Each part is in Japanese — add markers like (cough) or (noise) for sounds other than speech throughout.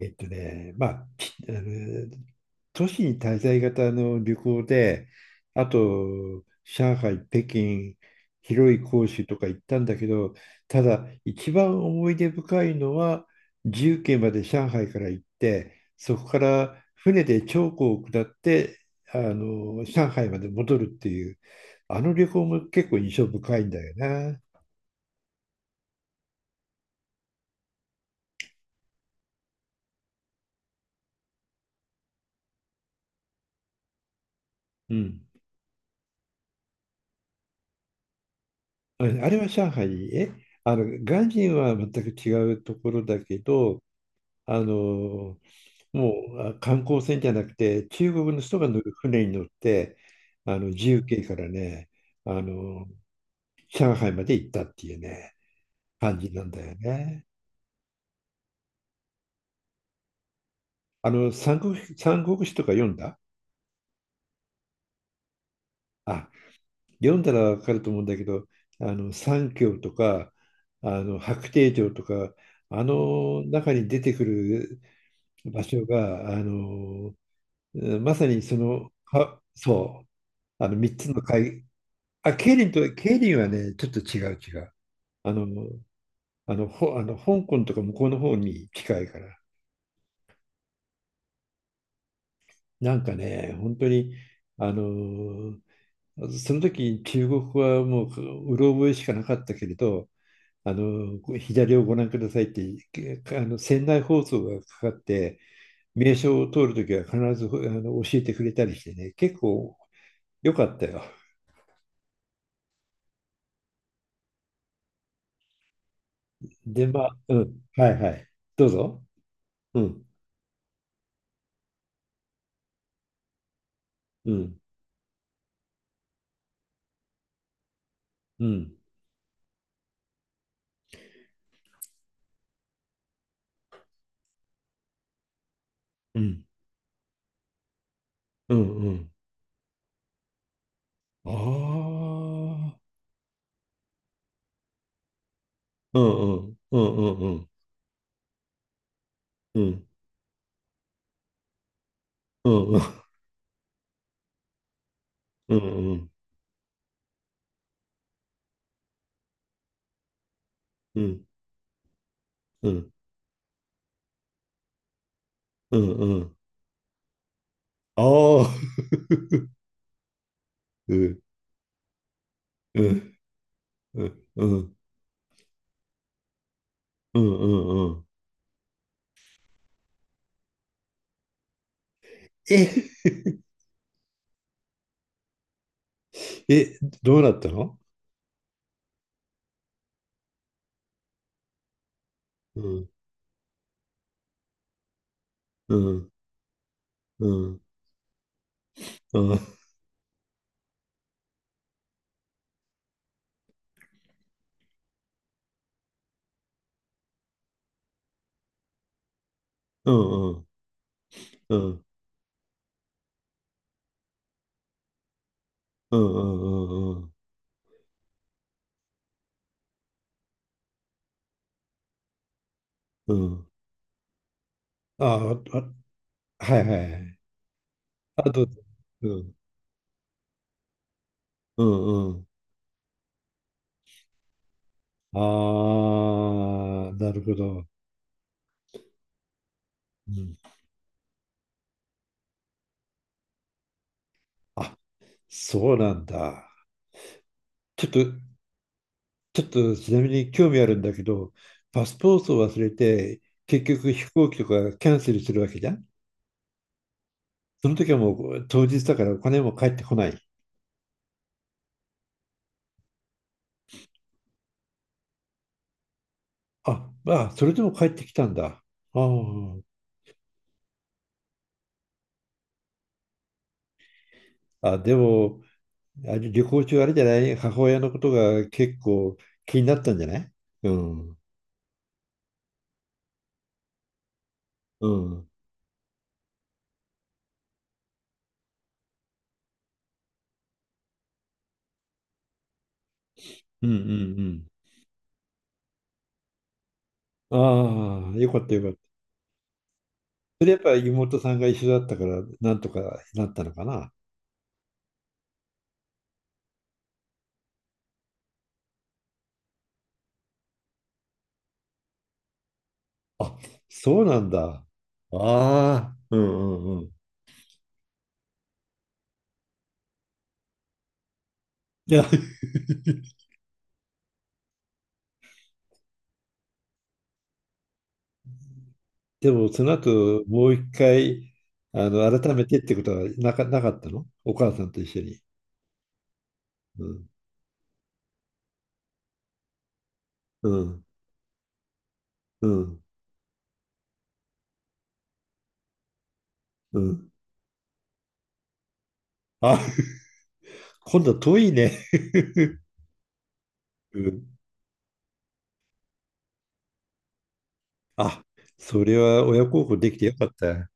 まあ、きあの都市に滞在型の旅行で、あと、上海、北京、広州とか行ったんだけど、ただ、一番思い出深いのは、重慶まで上海から行って、そこから船で長江を下って、上海まで戻るっていう、あの旅行も結構印象深いんだよな。うん。あれは上海、鑑真は全く違うところだけど、あのもう観光船じゃなくて中国の人が乗る船に乗って自由形からねあの上海まで行ったっていうね、感じなんだよね。三国志とか読んだ？あ読んだらわかると思うんだけど、三峡とか白帝城とかあの中に出てくる場所がまさにそのかそうあの3つの海、あ、ケイリンはね、ちょっと違う違う。あの、あの、ほ、あの香港とか向こうの方に近いから。なんかね、本当に、あの、その時中国語はもう、うろ覚えしかなかったけれど、左をご覧くださいって、けあの、船内放送がかかって、名称を通るときは必ず教えてくれたりしてね、結構良かったよ。で、まあ、うん、はいはい。どうぞ。うん、うん、うん、うん、うん、うん。ああ、うんうん、うんうんうん、うん、うんうん、うん、うん、うん、うん、うん、ああ、うん、うん、うん、うん、うん、うん、え、え、どうなったの？うん、うん、うん、うん、うん、うん、うん、うん、うん、うん、うん、あ、はいはいはい。あと、うん、うん、うん。ああ、なるほど。うん、あ、そうなんだ。ちょっとちょっとちなみに興味あるんだけど、パスポートを忘れて、結局飛行機とかキャンセルするわけじゃん。その時はもう当日だからお金も返ってこない。あ、まあ、それでも帰ってきたんだ。あああ、でも、あれ旅行中あれじゃない？母親のことが結構気になったんじゃない？うん。うん。うんうんうん。ああ、よかったよかった。それやっぱ妹さんが一緒だったから、なんとかなったのかな。あ、そうなんだ。ああ、うんうんうん。いや、(laughs) でもその後もう一回、改めてってことはなかったの？お母さんと一緒に。うん、うん、うん、うん。あ、今度は遠いね。(laughs) うん。あ、それは親孝行できてよかった。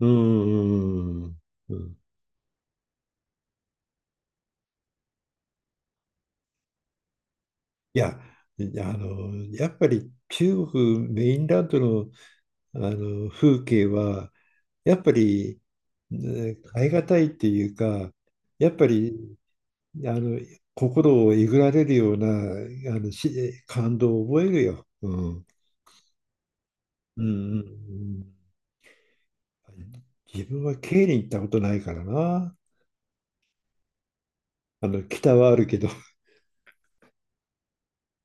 うん、うん、うん。いや、やっぱり中国メインランドの、あの風景は、やっぱり、ね、変えがたいっていうか、やっぱり、あの、心をえぐられるような、あの、し、感動を覚えるよ。うん。うんうんうん。自分はケイに行ったことないからな。北はあるけど、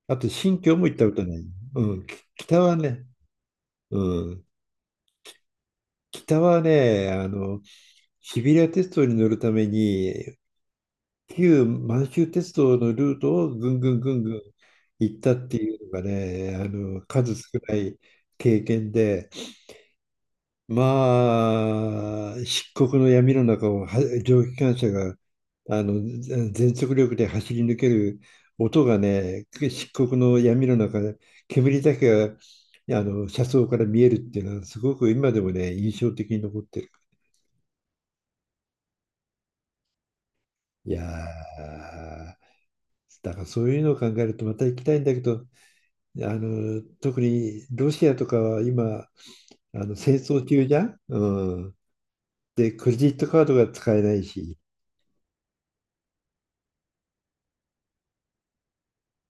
あと新疆も行ったことない。うん、北はね、うん、北はね、シビリア鉄道に乗るために旧満州鉄道のルートをぐんぐんぐんぐん行ったっていうのがね、数少ない経験で、まあ、漆黒の闇の中をは蒸気機関車があのぜ全速力で走り抜ける音がね、漆黒の闇の中、で煙だけが車窓から見えるっていうのは、すごく今でもね、印象的に残ってる。いやー、だからそういうのを考えるとまた行きたいんだけど、特にロシアとかは今、戦争中じゃん、うん。で、クレジットカードが使えないし。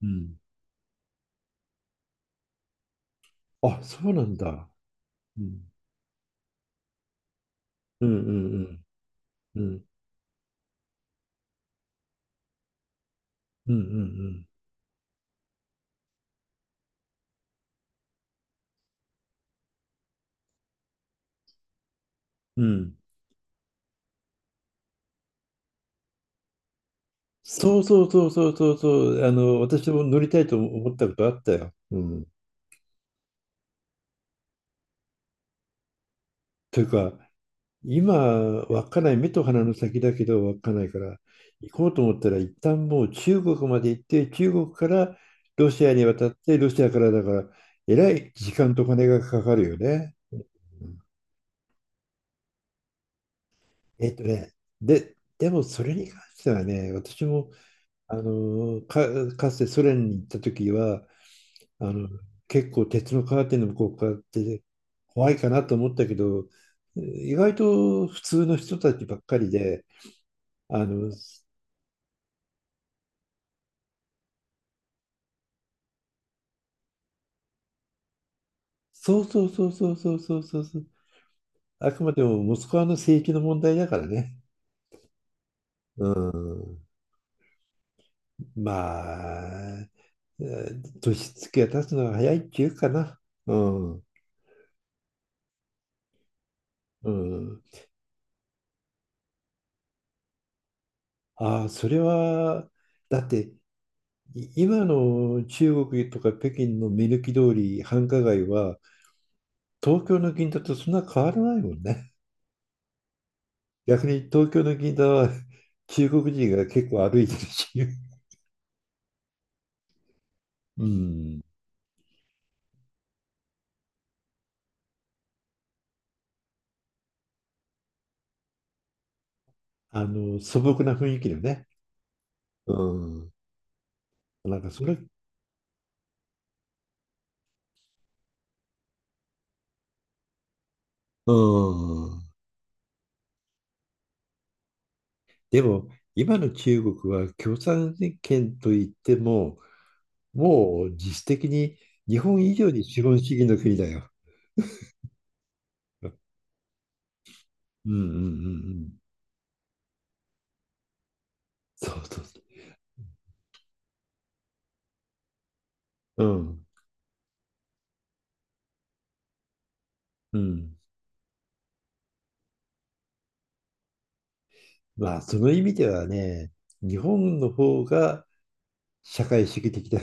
うん。あ、そうなんだ。うん。うんうんうん。うんうんうんうん。うん、そうそうそうそうそうそう。私も乗りたいと思ったことあったよ。うん。というか、今、稚内、目と鼻の先だけど稚内から行こうと思ったら、一旦もう中国まで行って、中国からロシアに渡って、ロシアからだから、えらい時間とお金がかかるよね。うん、えっとね、でもそれに関してはね、私もかつてソ連に行った時は、あの結構鉄のカーテンの向こう側って怖いかなと思ったけど、意外と普通の人たちばっかりで、あのそうそうそうそうそうそうそうそう。あくまでもモスクワの政域の問題だからね。うん。まあ、年月が経つのが早いっていうかな。うん。うん。ああ、それは、だって、今の中国とか北京の目抜き通り、繁華街は、東京の銀座とそんな変わらないもんね。逆に東京の銀座は中国人が結構歩いてるし、うん。素朴な雰囲気のね。うん、なんかそれ、うん。でも、今の中国は共産権といっても、もう実質的に日本以上に資本主義の国だよ。うんうんうんうん。そうそうそう。うんうん。まあ、その意味ではね、日本の方が社会主義的だ。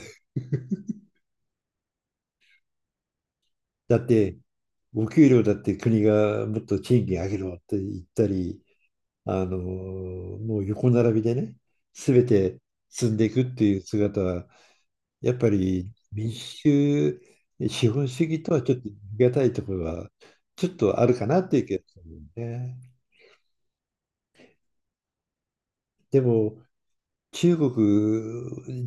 だって、お給料だって国がもっと賃金上げろって言ったり、もう横並びでね、すべて進んでいくっていう姿はやっぱり民主資本主義とはちょっと言い難いところはちょっとあるかなっていう気がするね。でも中国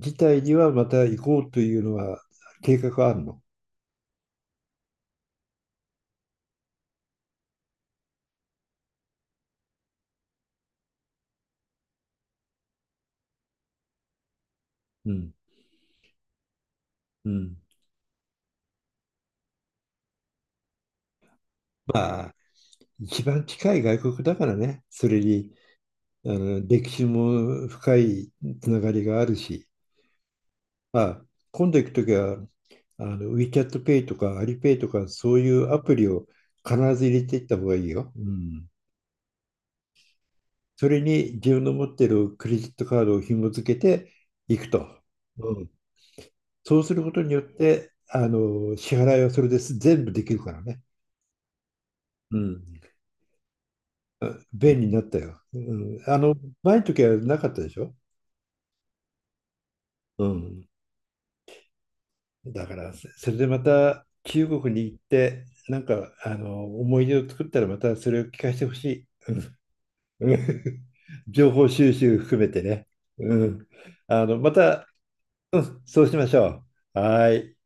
自体にはまた行こうというのは計画はあるの？うん。うん。まあ一番近い外国だからね。それに歴史も深いつながりがあるし。まあ今度行くときはWeChat Pay とか Alipay とかそういうアプリを必ず入れていった方がいいよ。うん、それに自分の持っているクレジットカードを紐付けていくと。うん。そうすることによって、支払いはそれです。全部できるからね。うん。あ、便利になったよ。うん、前の時はなかったでしょうん。だから、それでまた中国に行って、なんか、思い出を作ったらまたそれを聞かせてほしい。うん。 (laughs) 情報収集含めてね。うん。また、そうしましょう。はい。